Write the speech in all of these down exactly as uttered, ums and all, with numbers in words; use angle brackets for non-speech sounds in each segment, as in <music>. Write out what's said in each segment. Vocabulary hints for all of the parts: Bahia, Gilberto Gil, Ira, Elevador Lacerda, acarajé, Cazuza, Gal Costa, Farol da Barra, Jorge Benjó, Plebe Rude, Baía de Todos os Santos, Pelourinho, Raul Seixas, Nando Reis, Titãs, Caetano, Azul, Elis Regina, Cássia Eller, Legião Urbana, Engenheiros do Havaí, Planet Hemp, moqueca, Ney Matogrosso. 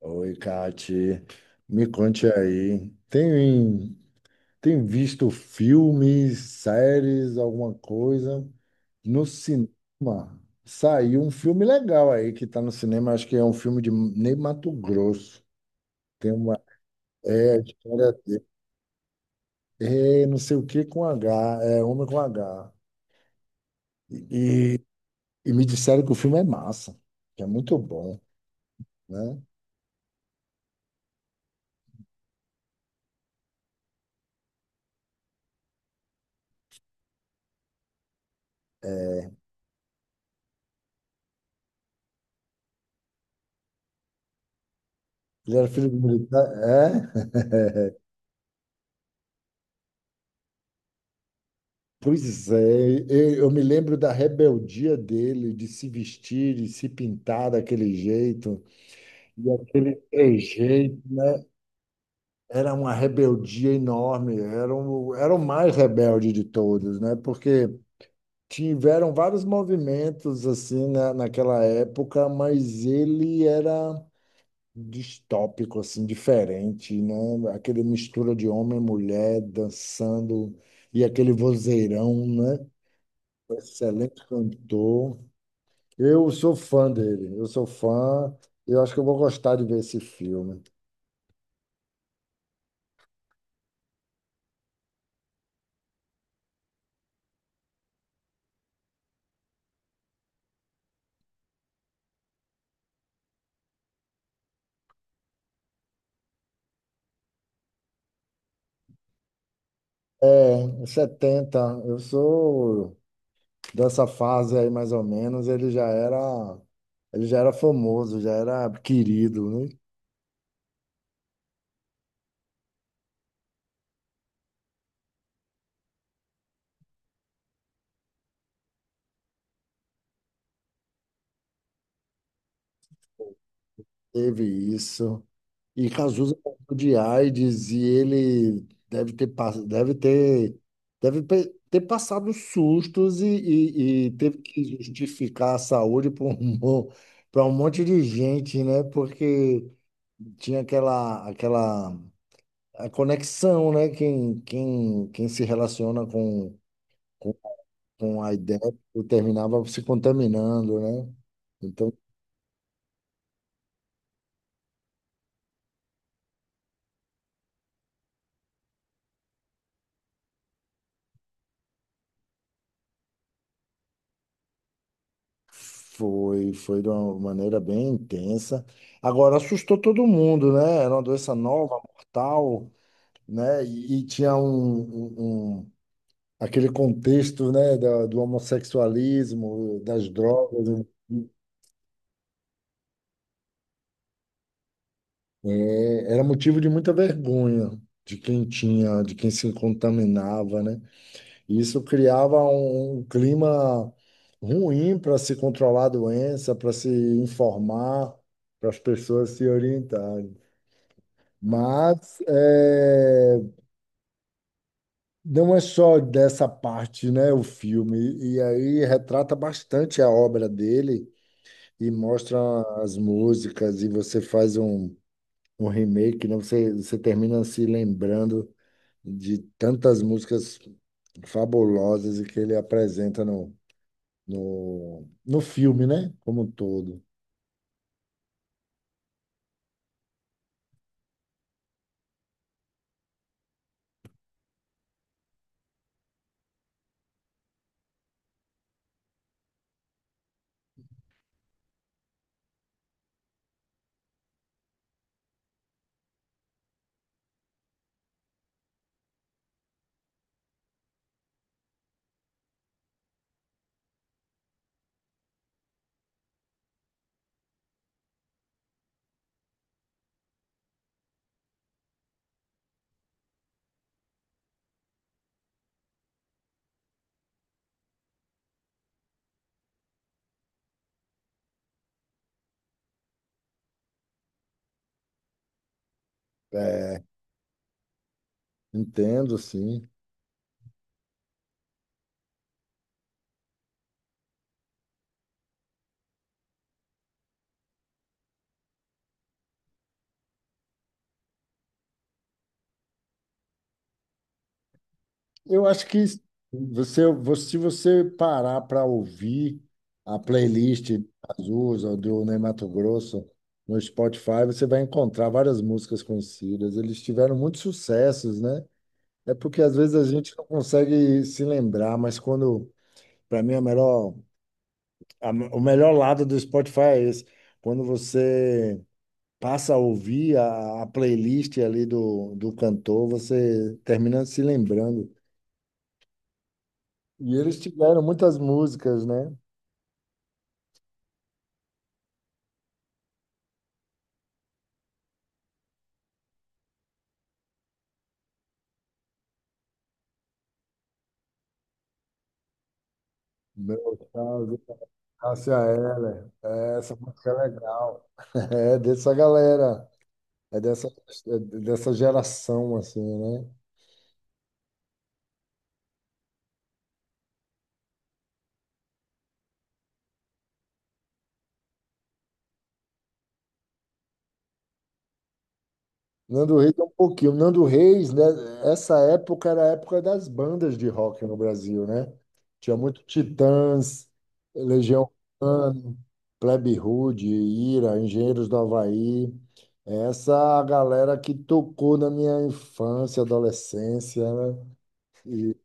Oi, Kati. Me conte aí. Tem, tem visto filmes, séries, alguma coisa? No cinema, saiu um filme legal aí que está no cinema. Acho que é um filme de Ney Matogrosso. Tem uma. É, a história dele. É, não sei o que com H. É, Homem com H. E, e me disseram que o filme é massa, que é muito bom, né? Ele era filho do militar. É? <laughs> Pois é, eu eu me lembro da rebeldia dele de se vestir e se pintar daquele jeito, e aquele jeito, né? Era uma rebeldia enorme, era o, era o mais rebelde de todos, né? Porque tiveram vários movimentos assim na, naquela época, mas ele era distópico, assim, diferente, né? Aquele mistura de homem e mulher dançando e aquele vozeirão, né? Excelente cantor. Eu sou fã dele. Eu sou fã. Eu acho que eu vou gostar de ver esse filme. É, setenta. Eu sou dessa fase aí, mais ou menos. Ele já era, ele já era famoso, já era querido, né? Teve isso. E Cazuza morreu de AIDS e ele deve ter, pass- deve ter, deve pe- ter passado sustos e, e- e teve que justificar a saúde para um, para um monte de gente, né? Porque tinha aquela, aquela a conexão, né? Quem, quem, quem se relaciona com, com, com a ideia terminava se contaminando, né? Então foi, foi de uma maneira bem intensa. Agora, assustou todo mundo, né? Era uma doença nova, mortal, né? E, e tinha um, um- um- aquele contexto, né, da- do homossexualismo, das drogas, né? É, era motivo de muita vergonha de quem tinha, de quem se contaminava, né? E isso criava um, um clima ruim para se controlar a doença, para se informar, para as pessoas se orientarem. Mas é, não é só dessa parte, né, o filme. E aí retrata bastante a obra dele e mostra as músicas e você faz um, um remake, né? Você, você termina se lembrando de tantas músicas fabulosas e que ele apresenta no, no, no filme, né, como um todo. É, entendo, sim. Eu acho que você, você- se você parar para ouvir a playlist de Azul ou do Ney Mato no Spotify, você vai encontrar várias músicas conhecidas. Eles tiveram muitos sucessos, né? É porque às vezes a gente não consegue se lembrar, mas quando, para mim, a melhor, a- o melhor lado do Spotify é esse. Quando você passa a ouvir a, a playlist ali do, do cantor, você termina se lembrando. E eles tiveram muitas músicas, né? Meu caso, Cássia Eller. É, essa música é legal. <laughs> É dessa galera, é dessa, é dessa geração, assim, né? Nando Reis é um pouquinho. Nando Reis, né? Essa época era a época das bandas de rock no Brasil, né? Tinha muito Titãs, Legião Urbana, Plebe Rude, Ira, Engenheiros do Havaí. Essa galera que tocou na minha infância, adolescência, né? E,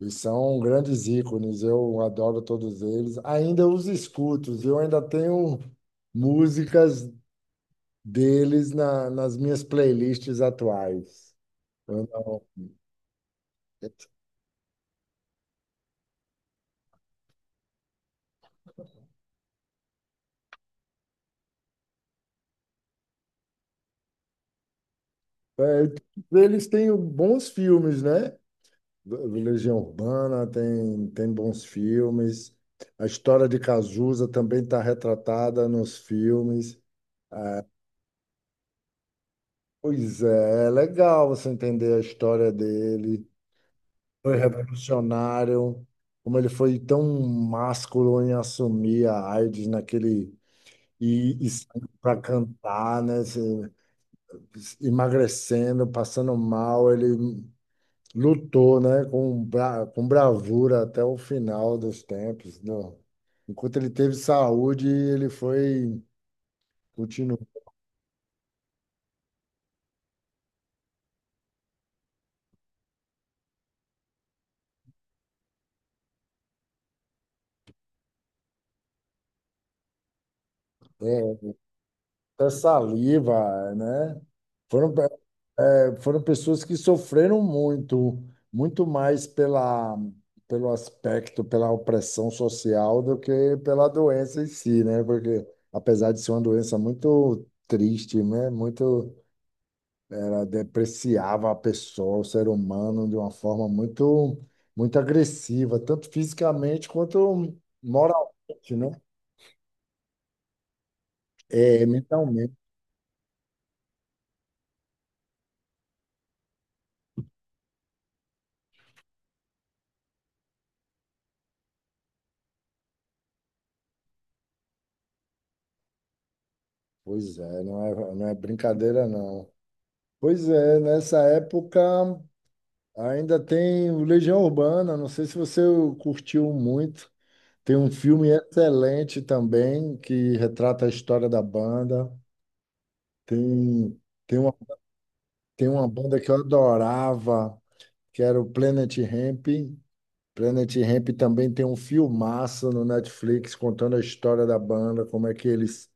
e são grandes ícones. Eu adoro todos eles. Ainda os escuto. Eu ainda tenho músicas deles na- nas minhas playlists atuais. Eu não. É, é, eles têm bons filmes, né? Legião Urbana tem, tem bons filmes. A história de Cazuza também está retratada nos filmes. Pois é, é legal você entender a história dele. Foi revolucionário, como ele foi tão másculo em assumir a AIDS naquele e, e para cantar, né? Se- emagrecendo, passando mal, ele lutou, né, com, bra com bravura até o final dos tempos. Não. Enquanto ele teve saúde, ele foi, continuou, é, até saliva, né? Foram, pe- é, foram pessoas que sofreram muito, muito mais pela, pelo aspecto, pela opressão social do que pela doença em si, né? Porque apesar de ser uma doença muito triste, né? Muito ela depreciava a pessoa, o ser humano, de uma forma muito, muito agressiva, tanto fisicamente quanto moralmente, né? É, mentalmente. Pois é, não é, não é brincadeira, não. Pois é, nessa época ainda tem o Legião Urbana, não sei se você curtiu muito. Tem um filme excelente também que retrata a história da banda. Tem, tem uma, tem uma banda que eu adorava, que era o Planet Hemp. Planet Hemp também tem um filmaço no Netflix contando a história da banda, como é que eles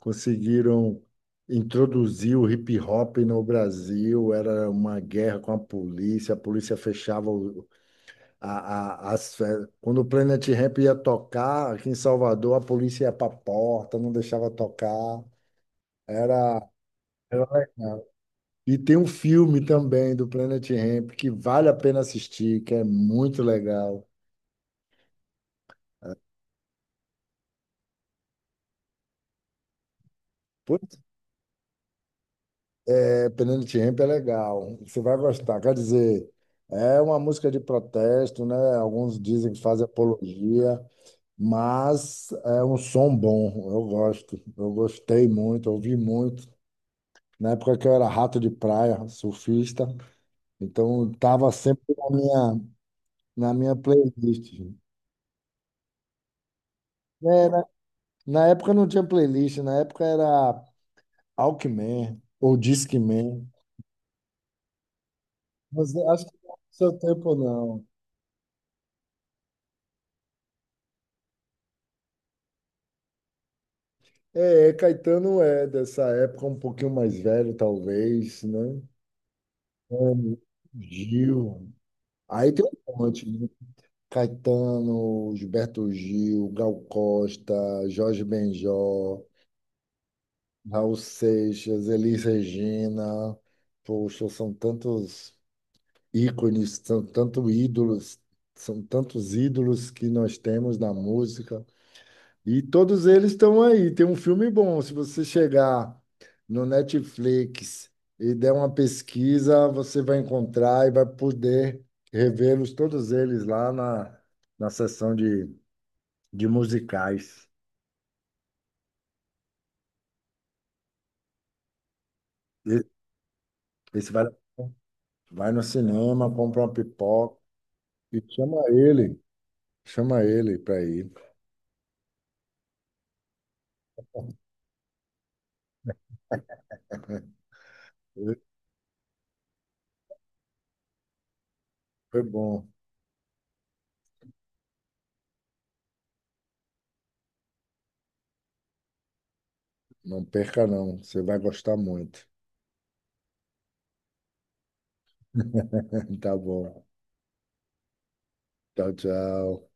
conseguiram introduzir o hip hop no Brasil. Era uma guerra com a polícia, a polícia fechava o- a, a- as festas. Quando o Planet Hemp ia tocar aqui em Salvador, a polícia ia para a porta, não deixava tocar. Era, era legal. E tem um filme também do Planet Hemp que vale a pena assistir, que é muito legal. É, Penalty Ramp é legal, você vai gostar. Quer dizer, é uma música de protesto, né? Alguns dizem que fazem apologia, mas é um som bom, eu gosto. Eu gostei muito, ouvi muito. Na época que eu era rato de praia, surfista, então estava sempre na minha, na minha playlist. É, na, na época não tinha playlist, na época era Walkman ou Discman. Mas eu acho que não é do seu tempo, não. É, Caetano é dessa época um pouquinho mais velho, talvez, né? Hum, Gil. Aí tem um monte, né? Caetano, Gilberto Gil, Gal Costa, Jorge Benjó, Raul Seixas, Elis Regina. Poxa, são tantos ícones, são tantos ídolos, são tantos ídolos que nós temos na música. E todos eles estão aí. Tem um filme bom. Se você chegar no Netflix e der uma pesquisa, você vai encontrar e vai poder revê-los todos eles lá na, na sessão de, de musicais. E- esse vai, vai no cinema, compra uma pipoca e chama ele. Chama ele para ir. Foi bom. Não perca, não. Você vai gostar muito. <laughs> Tá bom. Tchau, tchau.